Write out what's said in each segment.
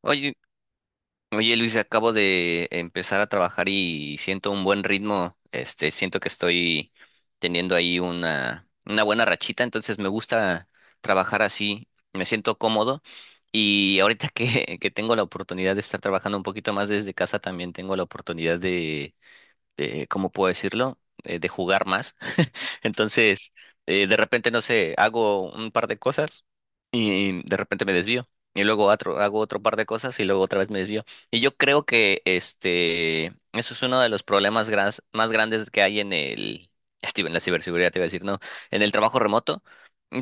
Oye, oye Luis, acabo de empezar a trabajar y siento un buen ritmo. Siento que estoy teniendo ahí una buena rachita, entonces me gusta trabajar así, me siento cómodo. Y ahorita que, que tengo la oportunidad de estar trabajando un poquito más desde casa, también tengo la oportunidad ¿cómo puedo decirlo? De jugar más. Entonces, de repente, no sé, hago un par de cosas y de repente me desvío. Y hago otro par de cosas y luego otra vez me desvío. Y yo creo que eso es uno de los problemas más grandes que hay en el, ya te iba- en la ciberseguridad, te iba a decir, no, en el trabajo remoto,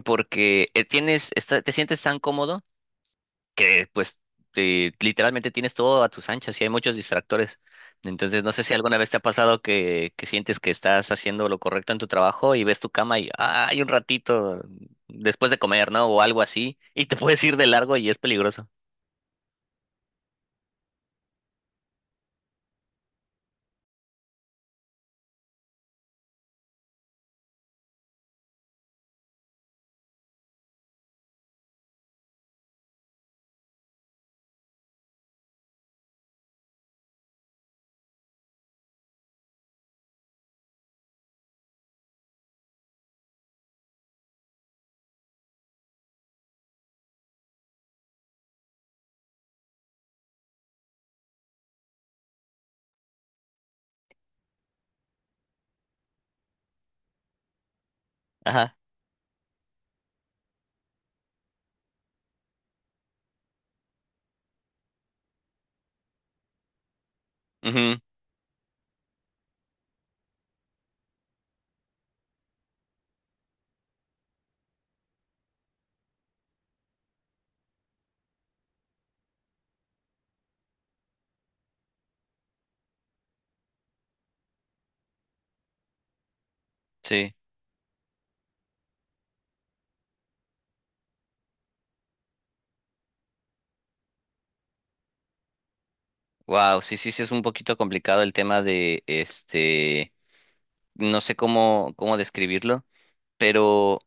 porque tienes, te sientes tan cómodo que pues literalmente tienes todo a tus anchas y hay muchos distractores. Entonces, no sé si alguna vez te ha pasado que sientes que estás haciendo lo correcto en tu trabajo y ves tu cama y "Ah, hay un ratito después de comer, ¿no? O algo así", y te puedes ir de largo y es peligroso. Ajá. Ujú, sí. Wow, sí, sí, sí, es un poquito complicado el tema de no sé cómo, cómo describirlo, pero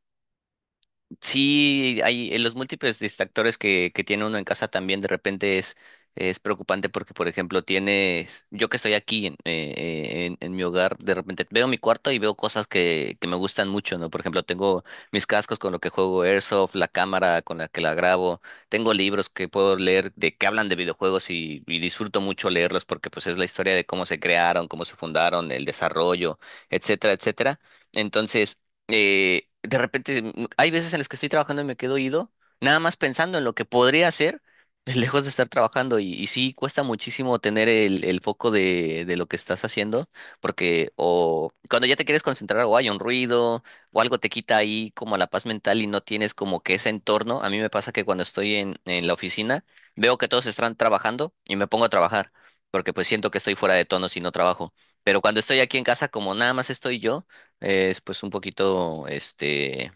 sí, hay en los múltiples distractores que tiene uno en casa también de repente es preocupante porque, por ejemplo, tienes, yo que estoy aquí en mi hogar, de repente veo mi cuarto y veo cosas que me gustan mucho, ¿no? Por ejemplo, tengo mis cascos con lo que juego Airsoft, la cámara con la que la grabo, tengo libros que puedo leer de que hablan de videojuegos y disfruto mucho leerlos porque pues es la historia de cómo se crearon, cómo se fundaron, el desarrollo, etcétera, etcétera. Entonces, hay veces en las que estoy trabajando y me quedo ido, nada más pensando en lo que podría hacer, lejos de estar trabajando. Y sí, cuesta muchísimo tener el foco de lo que estás haciendo, porque o cuando ya te quieres concentrar o hay un ruido o algo te quita ahí como la paz mental y no tienes como que ese entorno. A mí me pasa que cuando estoy en la oficina, veo que todos están trabajando y me pongo a trabajar, porque pues siento que estoy fuera de tono si no trabajo. Pero cuando estoy aquí en casa, como nada más estoy yo, es pues un poquito, este,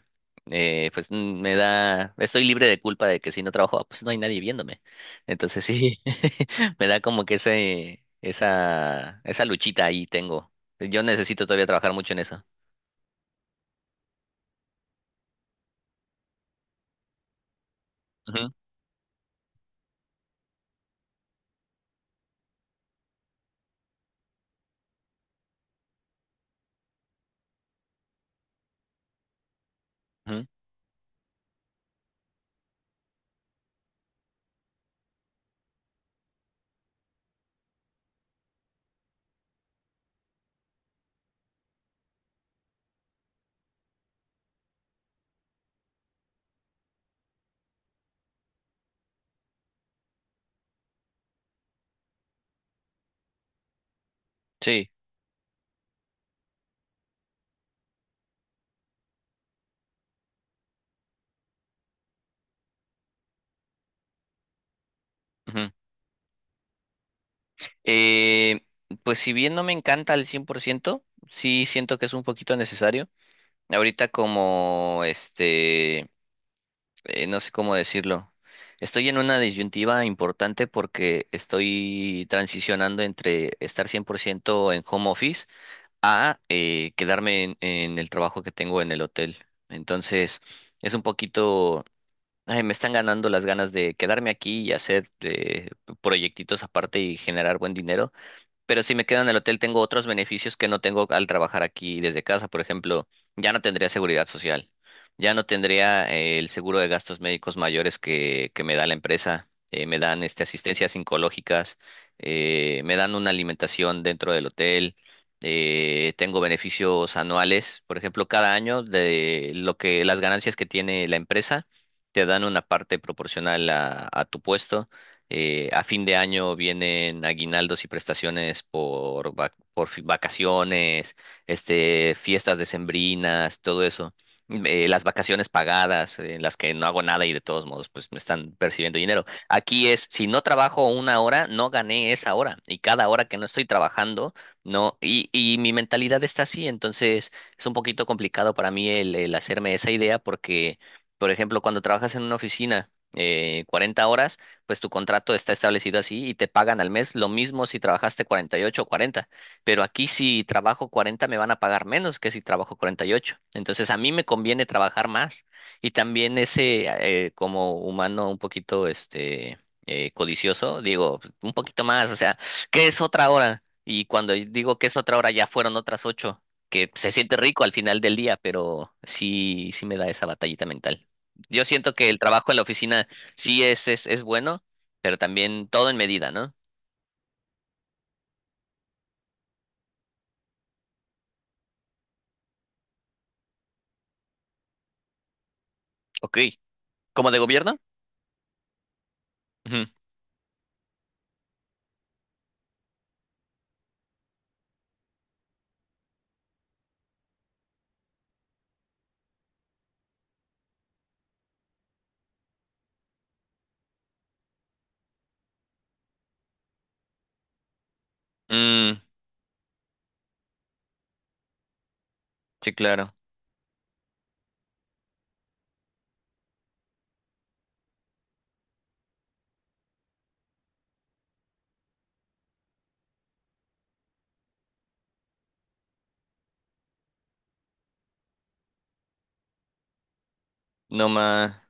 eh, pues estoy libre de culpa de que si no trabajo, ah, pues no hay nadie viéndome. Entonces sí, me da como que esa luchita ahí tengo. Yo necesito todavía trabajar mucho en eso. Ujú, ujú, sí. Ujú. Eh, pues si bien no me encanta al cien por ciento, sí siento que es un poquito necesario. Ahorita como este... no sé cómo decirlo. Estoy en una disyuntiva importante porque estoy transicionando entre estar 100% en home office a quedarme en el trabajo que tengo en el hotel. Entonces, es un poquito, ay, me están ganando las ganas de quedarme aquí y hacer proyectitos aparte y generar buen dinero, pero si me quedo en el hotel, tengo otros beneficios que no tengo al trabajar aquí desde casa. Por ejemplo, ya no tendría seguridad social, ya no tendría el seguro de gastos médicos mayores que me da la empresa, me dan asistencias psicológicas, me dan una alimentación dentro del hotel, tengo beneficios anuales. Por ejemplo, cada año de lo que las ganancias que tiene la empresa, te dan una parte proporcional a tu puesto. A fin de año vienen aguinaldos y prestaciones por, vac- por fi- vacaciones, fiestas decembrinas, todo eso. Las vacaciones pagadas, en las que no hago nada y de todos modos, pues me están percibiendo dinero. Aquí es, si no trabajo una hora, no gané esa hora. Y cada hora que no estoy trabajando, no. Y mi mentalidad está así, entonces es un poquito complicado para mí el hacerme esa idea porque, por ejemplo, cuando trabajas en una oficina, 40 horas, pues tu contrato está establecido así y te pagan al mes lo mismo si trabajaste 48 o 40. Pero aquí si trabajo 40 me van a pagar menos que si trabajo 48. Entonces a mí me conviene trabajar más. Y también como humano un poquito, codicioso, digo, pues, un poquito más, o sea, ¿qué es otra hora? Y cuando digo que es otra hora, ya fueron otras ocho, que se siente rico al final del día, pero sí, sí me da esa batallita mental. Yo siento que el trabajo en la oficina sí, es bueno, pero también todo en medida, ¿no? Ok. ¿Como de gobierno? Ujú. Mm, sí, claro. No más.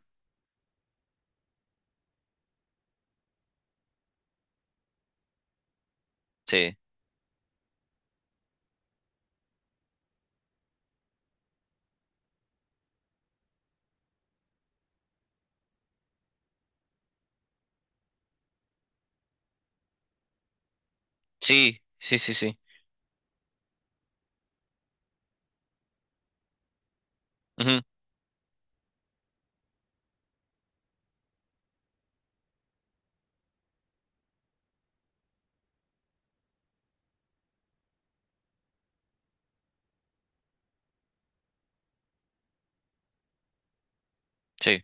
Sí. Sí, sí, sí, sí. Ujú, sí.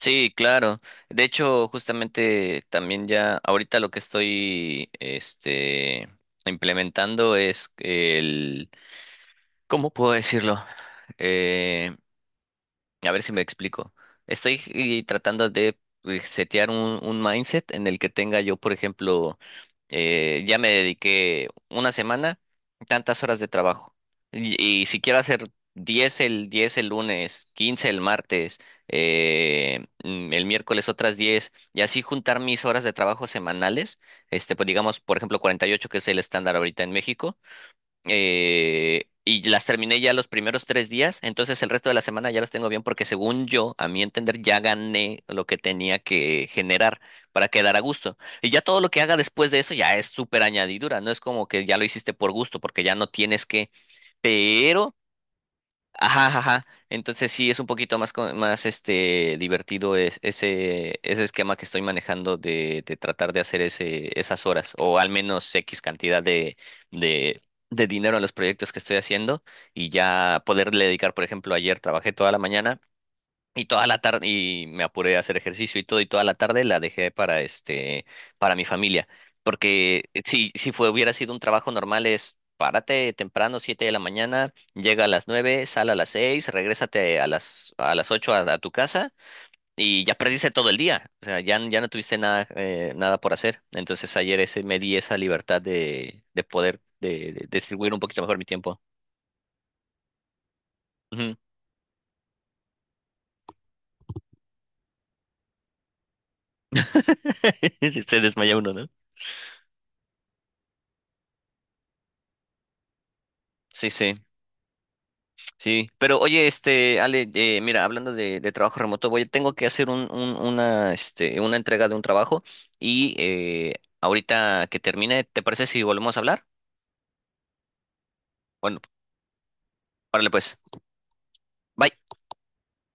Sí, claro. De hecho, justamente también ya ahorita lo que estoy implementando es el ¿cómo puedo decirlo? Eh, a ver si me explico. Estoy tratando de setear un mindset en el que tenga yo, por ejemplo, ya me dediqué una semana, tantas horas de trabajo. Y si quiero hacer 10 el lunes, 15 el martes, el miércoles otras 10 y así juntar mis horas de trabajo semanales, pues digamos, por ejemplo, 48 que es el estándar ahorita en México, y las terminé ya los primeros tres días, entonces el resto de la semana ya los tengo bien porque según yo, a mi entender, ya gané lo que tenía que generar para quedar a gusto. Y ya todo lo que haga después de eso ya es súper añadidura, no es como que ya lo hiciste por gusto porque ya no tienes que, pero ajá, ajá. Entonces sí es un poquito más más divertido ese ese esquema que estoy manejando de tratar de hacer ese esas horas o al menos X cantidad de de dinero a los proyectos que estoy haciendo y ya poderle dedicar, por ejemplo, ayer trabajé toda la mañana y toda la tarde, y me apuré a hacer ejercicio y todo, y toda la tarde la dejé para para mi familia. Porque si fue, hubiera sido un trabajo normal, es párate temprano, 7 de la mañana, llega a las 9, sal a las 6, regrésate a a las 8 a tu casa, y ya perdiste todo el día. O sea, ya no tuviste nada, nada por hacer. Entonces ayer me di esa libertad de poder de distribuir un poquito mejor mi tiempo. Ujú. Se desmaya uno, ¿no? Sí, sí. Sí, pero oye, Ale, mira, hablando de trabajo remoto, voy, tengo que hacer una, una entrega de un trabajo y ahorita que termine, ¿te parece si volvemos a hablar? Bueno, párale pues. Bye.